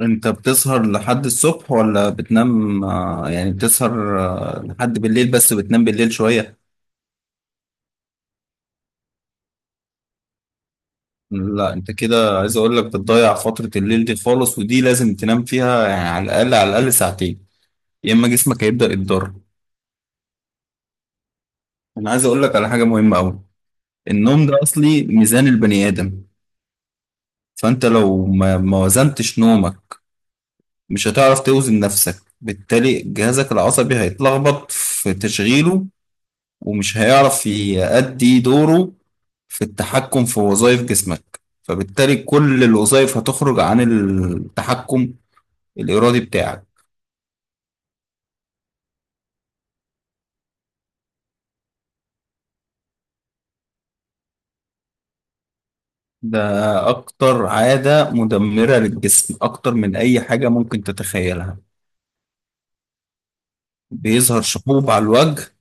انت بتسهر لحد الصبح ولا بتنام، يعني بتسهر، لحد بالليل، بس بتنام بالليل شوية. لا، انت كده، عايز اقول لك بتضيع فترة الليل دي خالص، ودي لازم تنام فيها يعني على الاقل ساعتين، يا اما جسمك هيبدأ يتضرر. انا عايز اقول لك على حاجة مهمة قوي. النوم ده اصلي ميزان البني ادم. فانت لو ما وزنتش نومك، مش هتعرف توزن نفسك، بالتالي جهازك العصبي هيتلخبط في تشغيله ومش هيعرف يأدي دوره في التحكم في وظائف جسمك، فبالتالي كل الوظائف هتخرج عن التحكم الإرادي بتاعك. ده أكتر عادة مدمرة للجسم، أكتر من أي حاجة ممكن تتخيلها. بيظهر شحوب على الوجه،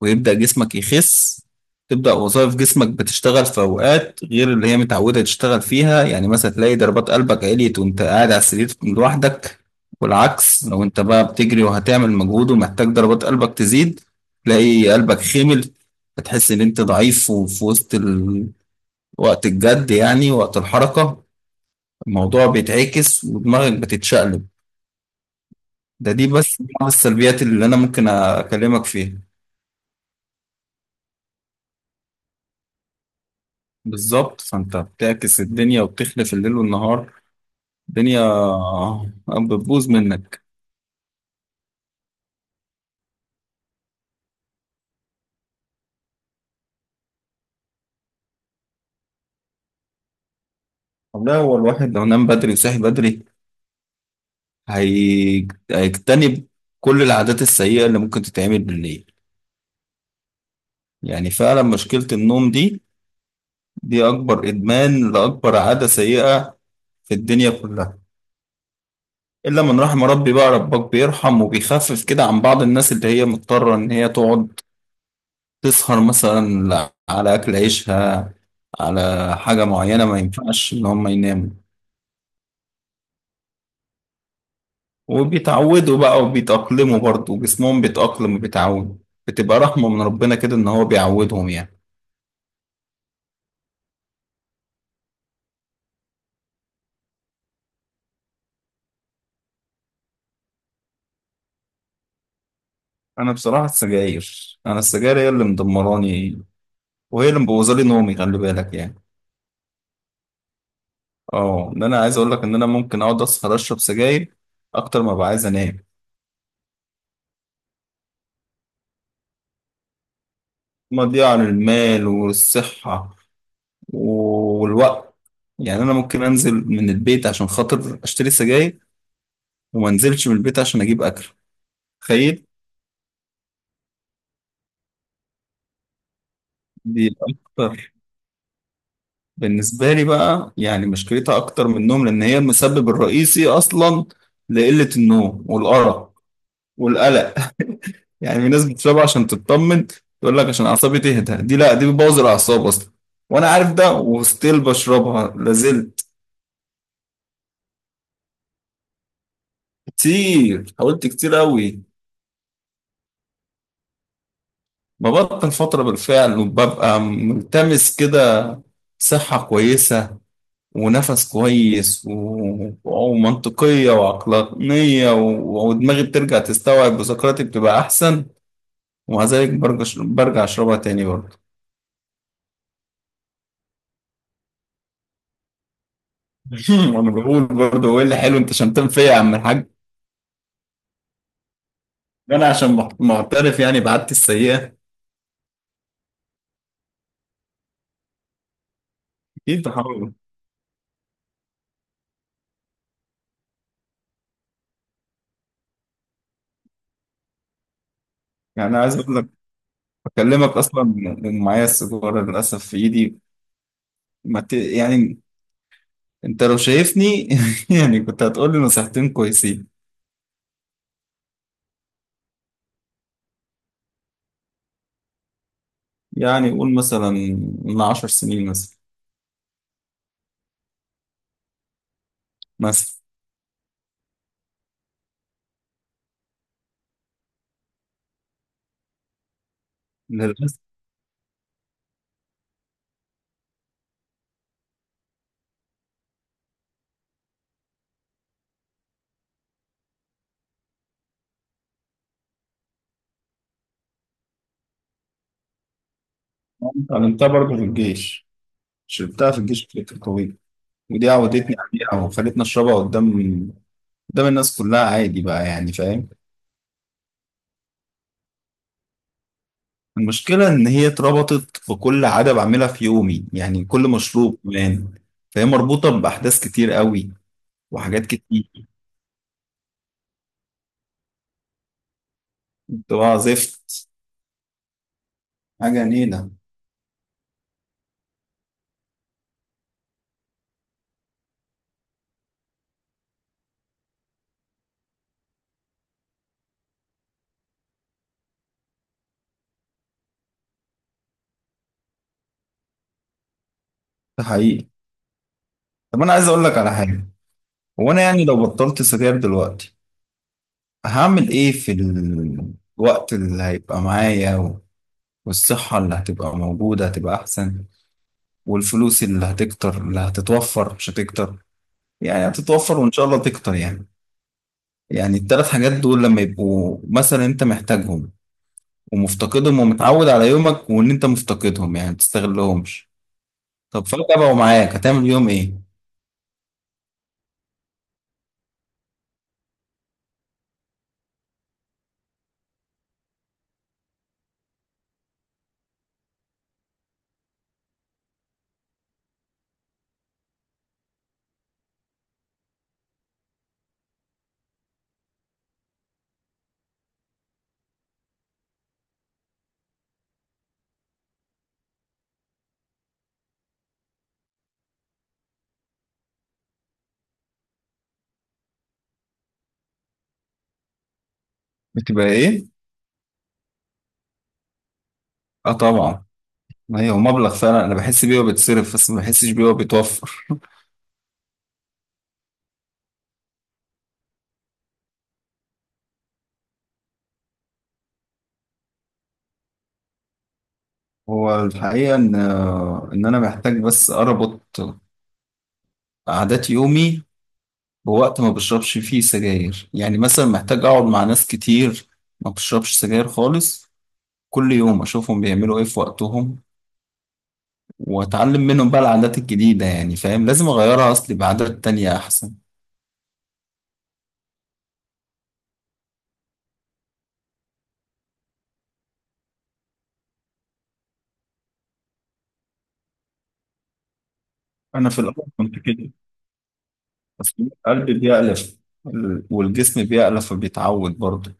ويبدأ جسمك يخس. تبدأ وظائف جسمك بتشتغل في أوقات غير اللي هي متعودة تشتغل فيها. يعني مثلا تلاقي ضربات قلبك عليت وأنت قاعد على السرير لوحدك، والعكس لو أنت بقى بتجري وهتعمل مجهود ومحتاج ضربات قلبك تزيد، تلاقي قلبك خمل. فتحس إن أنت ضعيف، وفي وسط وقت الجد يعني، وقت الحركة، الموضوع بيتعكس ودماغك بتتشقلب. دي بس بعض السلبيات اللي أنا ممكن أكلمك فيها. بالظبط. فانت بتعكس الدنيا وبتخلف الليل والنهار، الدنيا بتبوظ منك. لا، هو الواحد لو نام بدري وصحي بدري، هيجتنب كل العادات السيئة اللي ممكن تتعمل بالليل. يعني فعلا مشكلة النوم دي، دي أكبر إدمان لأكبر عادة سيئة في الدنيا كلها، إلا من رحم ربي. بقى ربك بيرحم وبيخفف كده عن بعض الناس اللي هي مضطرة إن هي تقعد تسهر، مثلا على أكل عيشها، على حاجة معينة ما ينفعش إن هم يناموا. وبيتعودوا بقى وبيتأقلموا برضه، جسمهم بيتأقلم وبيتعود. بتبقى رحمة من ربنا كده إن هو بيعودهم يعني. أنا بصراحة السجاير، أنا السجاير هي اللي مدمراني وهي اللي مبوظالي نومي، خلي بالك يعني. اه، إن أنا عايز أقول لك إن أنا ممكن أقعد أسهر أشرب سجاير أكتر ما ببقى عايز أنام. مضيعة للمال والصحة والوقت. يعني أنا ممكن أنزل من البيت عشان خاطر أشتري سجاير، وما أنزلش من البيت عشان أجيب أكل، تخيل. دي أكتر بالنسبة لي بقى، يعني مشكلتها أكتر من النوم لأن هي المسبب الرئيسي أصلا لقلة النوم والأرق والقلق يعني في ناس بتشربها عشان تطمن، تقول لك عشان أعصابي تهدى. دي لا، دي بتبوظ الأعصاب أصلا، وأنا عارف ده وستيل بشربها لازلت. كتير حاولت، كتير أوي. ببطل فترة بالفعل، وببقى ملتمس كده صحة كويسة ونفس كويس ومنطقية وعقلانية ودماغي بترجع تستوعب وذاكرتي بتبقى أحسن. ومع ذلك برجع أشربها تاني برضه. وأنا بقول برضه هو إيه اللي حلو؟ أنت شمتان فيا يا عم الحاج. أنا عشان معترف يعني بعادتي السيئة. أكيد بحاول. يعني عايز أقول لك، بكلمك أصلا معايا السيجارة للأسف في إيدي. ما ت... يعني أنت لو شايفني يعني كنت هتقول لي نصيحتين كويسين. يعني قول مثلا من 10 سنين مثلا. للأسف عملتها برضه في الجيش، شربتها في الجيش كانت قوية. ودي عودتني عليها وخلتني أشربها قدام الناس كلها عادي بقى يعني، فاهم. المشكلة إن هي اتربطت في كل عادة بعملها في يومي، يعني كل مشروب كمان، فهي مربوطة بأحداث كتير قوي وحاجات كتير. بتبقى زفت، حاجة نيلة. ده حقيقي. طب أنا عايز أقول لك على حاجة. هو أنا يعني لو بطلت سجاير دلوقتي، هعمل إيه في الوقت اللي هيبقى معايا؟ والصحة اللي هتبقى موجودة هتبقى أحسن، والفلوس اللي هتكتر، اللي هتتوفر مش هتكتر، يعني هتتوفر وإن شاء الله تكتر يعني. يعني التلات حاجات دول لما يبقوا مثلا أنت محتاجهم ومفتقدهم ومتعود على يومك، وإن أنت مفتقدهم يعني ما تستغلهمش، طب فجأة بقوا معاك هتعمل يوم إيه؟ بتبقى إيه؟ آه طبعا. ما هي هو مبلغ فعلا أنا بحس بيه وبيتصرف، بس ما بحسش بيه وبيتوفر. هو الحقيقة إن إن أنا محتاج بس أربط عادات يومي بوقت ما بشربش فيه سجاير. يعني مثلا محتاج اقعد مع ناس كتير ما بشربش سجاير خالص، كل يوم اشوفهم بيعملوا ايه في وقتهم واتعلم منهم بقى العادات الجديدة. يعني فاهم، لازم اغيرها اصلي بعادات تانية احسن. انا في الاول كنت كده، بس القلب بيألف والجسم بيألف فبيتعود برضه.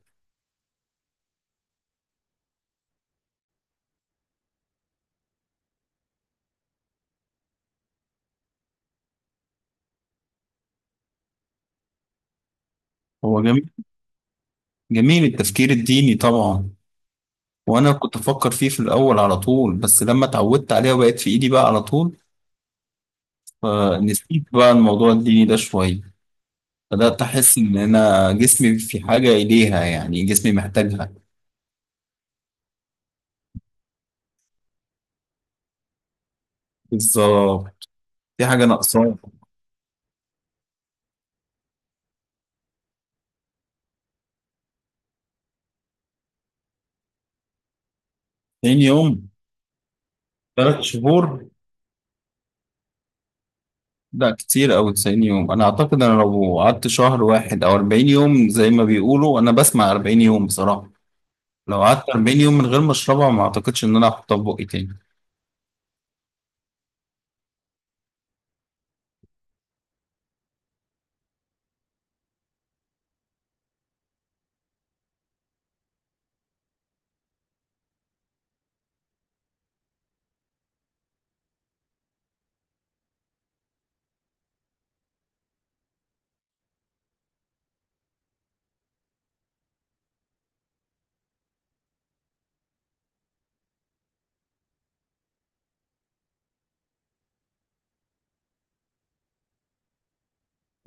هو جميل، جميل التفكير الديني طبعا. وانا كنت افكر فيه في الاول على طول، بس لما اتعودت عليه وبقت في ايدي بقى على طول، فنسيت بقى الموضوع الديني ده شوية. بدأت أحس إن أنا جسمي في حاجة إليها، يعني جسمي محتاجها. بالظبط، في حاجة ناقصاه. 90 يوم؟ 3 شهور. لا كتير أوي 90 يوم. أنا أعتقد أنا لو قعدت شهر واحد أو 40 يوم زي ما بيقولوا، أنا بسمع 40 يوم بصراحة. لو قعدت 40 يوم من غير ما أشربها ما أعتقدش إن أنا هحطها في بقي تاني.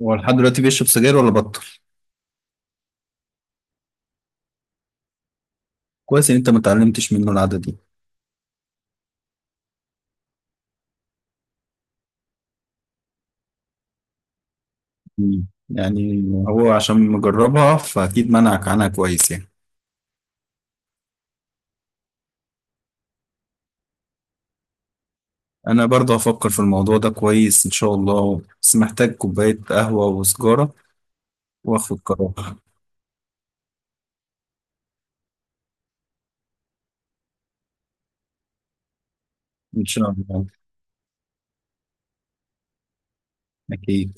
هو لحد دلوقتي بيشرب سجاير ولا بطل؟ كويس إن أنت ما اتعلمتش منه العادة دي. مم، يعني هو عشان مجربها فأكيد منعك عنها كويس يعني. انا برضه هفكر في الموضوع ده كويس ان شاء الله، بس محتاج كوباية قهوة وسجارة، واخد قرار. ان شاء الله، اكيد.